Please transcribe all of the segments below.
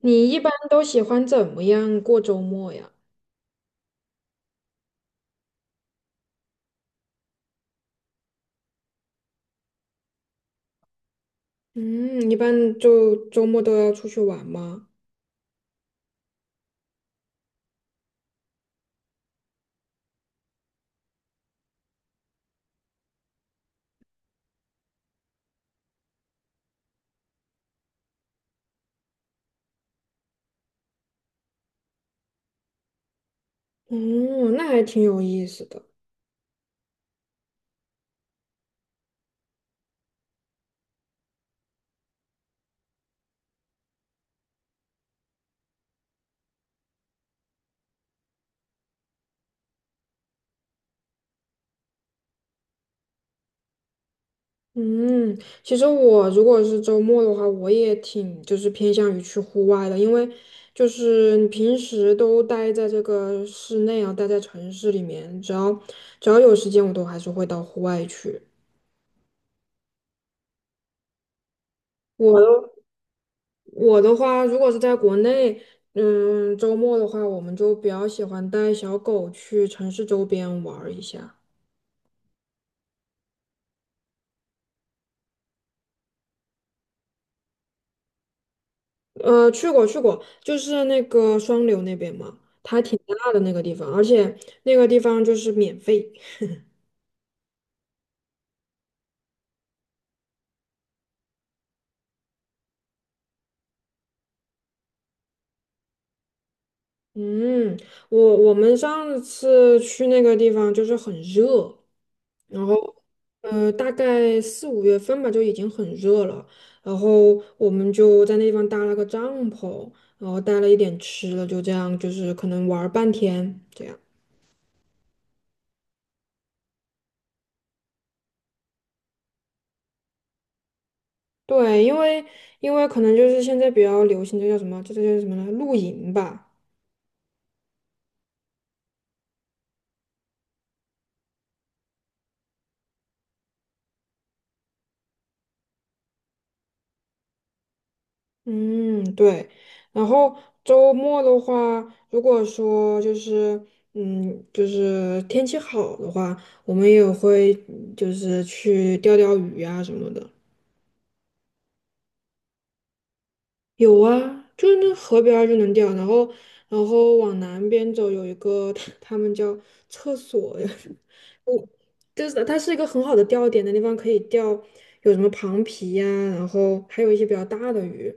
你一般都喜欢怎么样过周末呀？嗯，一般就周末都要出去玩吗？哦，那还挺有意思的。嗯，其实我如果是周末的话，我也挺就是偏向于去户外的，因为就是你平时都待在这个室内啊，待在城市里面，只要有时间，我都还是会到户外去。我的我的话，如果是在国内，嗯，周末的话，我们就比较喜欢带小狗去城市周边玩儿一下。去过，就是那个双流那边嘛，它挺大的那个地方，而且那个地方就是免费。嗯，我们上次去那个地方就是很热，然后。大概四五月份吧，就已经很热了。然后我们就在那地方搭了个帐篷，然后带了一点吃的，就这样，就是可能玩儿半天这样。对，因为可能就是现在比较流行，这叫什么？这叫什么呢？露营吧。嗯，对。然后周末的话，如果说就是嗯，就是天气好的话，我们也会就是去钓钓鱼啊什么的。有啊，就是那河边儿就能钓，然后往南边走有一个，他们叫厕所呀，我就是它是一个很好的钓点的地方，可以钓有什么螃皮呀、然后还有一些比较大的鱼，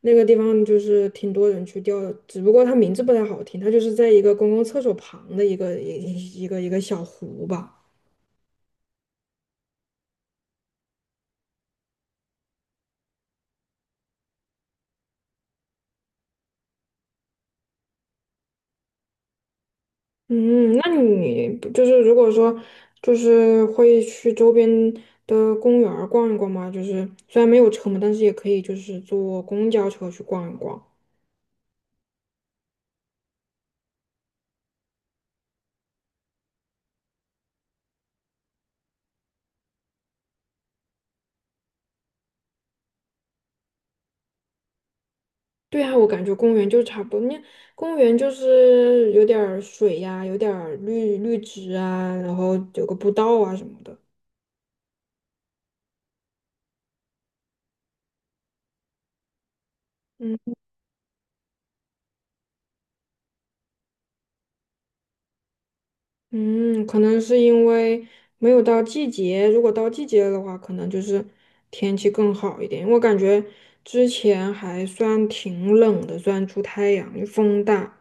那个地方就是挺多人去钓的，只不过它名字不太好听，它就是在一个公共厕所旁的一个小湖吧。嗯，那你不就是如果说就是会去周边的公园儿逛一逛吗？就是虽然没有车嘛，但是也可以就是坐公交车去逛一逛。对啊，我感觉公园就差不多，那公园就是有点儿水呀、有点儿绿绿植啊，然后有个步道啊什么的。嗯。嗯，可能是因为没有到季节，如果到季节的话，可能就是天气更好一点。我感觉之前还算挺冷的，虽然出太阳，风大，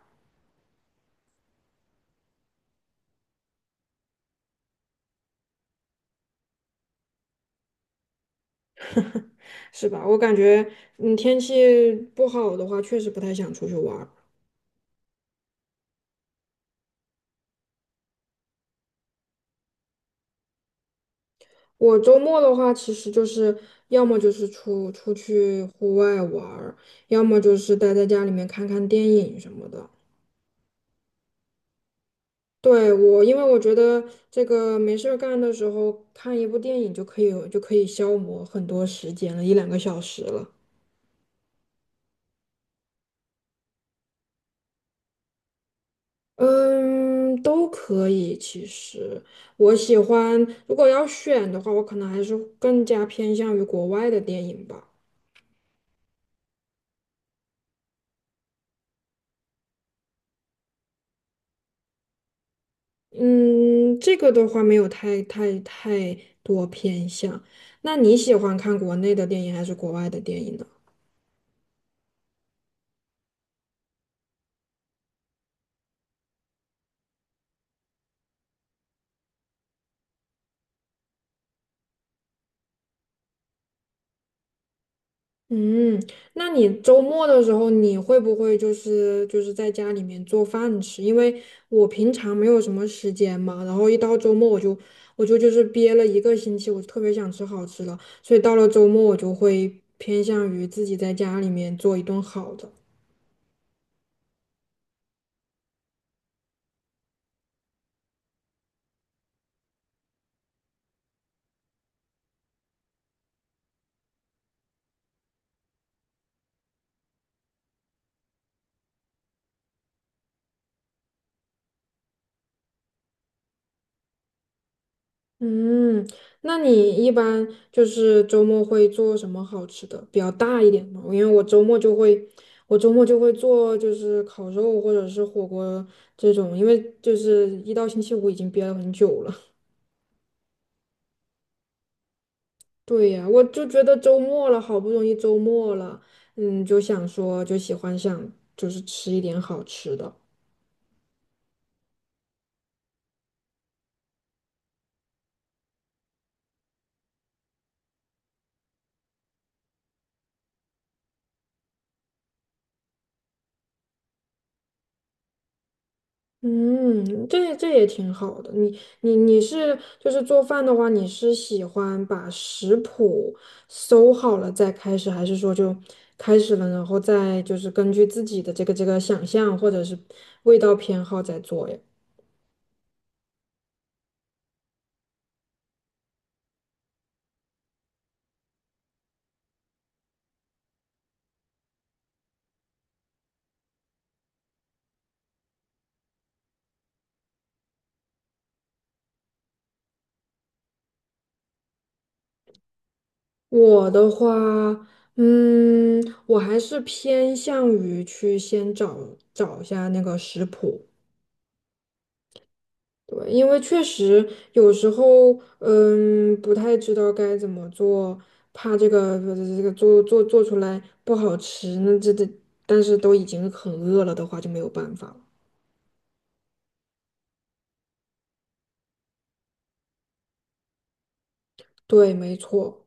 是吧？我感觉，嗯，天气不好的话，确实不太想出去玩儿。我周末的话，其实就是要么就是出出去户外玩儿，要么就是待在家里面看看电影什么的。对，我，因为我觉得这个没事儿干的时候看一部电影就可以消磨很多时间了，一两个小时了。嗯，都可以。其实我喜欢，如果要选的话，我可能还是更加偏向于国外的电影吧。嗯，这个的话没有太多偏向。那你喜欢看国内的电影还是国外的电影呢？嗯，那你周末的时候，你会不会就是在家里面做饭吃？因为我平常没有什么时间嘛，然后一到周末我就是憋了一个星期，我就特别想吃好吃的，所以到了周末我就会偏向于自己在家里面做一顿好的。嗯，那你一般就是周末会做什么好吃的，比较大一点的？因为我周末就会做就是烤肉或者是火锅这种，因为就是一到星期五已经憋了很久了。对呀，我就觉得周末了，好不容易周末了，嗯，就想说就喜欢就是吃一点好吃的。嗯，这这也挺好的。你是就是做饭的话，你是喜欢把食谱搜好了再开始，还是说就开始了，然后再就是根据自己的这个想象或者是味道偏好再做呀？我的话，嗯，我还是偏向于去先找一下那个食谱，对，因为确实有时候，嗯，不太知道该怎么做，怕这个做出来不好吃，那这，但是都已经很饿了的话就没有办法了。对，没错，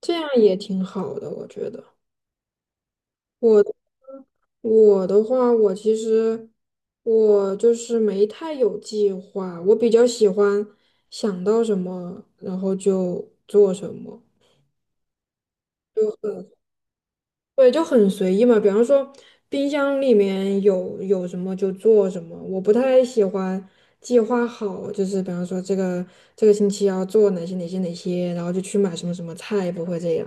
这样也挺好的，我觉得。我我的话，我其实我就是没太有计划，我比较喜欢想到什么，然后就做什么。就很。对，就很随意嘛。比方说，冰箱里面有什么就做什么。我不太喜欢计划好，就是比方说这个星期要做哪些，然后就去买什么什么菜，不会这样。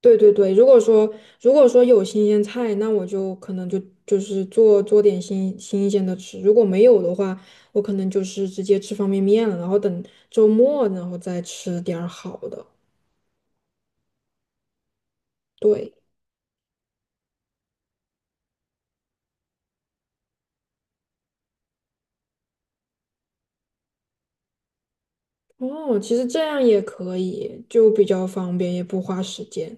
对对对，如果说有新鲜菜，那我就可能就就是做点新鲜的吃。如果没有的话，我可能就是直接吃方便面了，然后等周末然后再吃点儿好的。对。哦，其实这样也可以，就比较方便，也不花时间。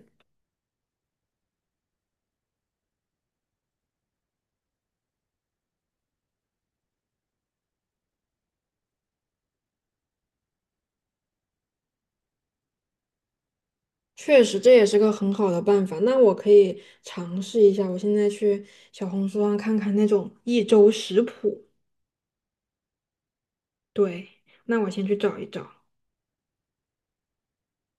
确实，这也是个很好的办法。那我可以尝试一下，我现在去小红书上看看那种一周食谱。对，那我先去找一找。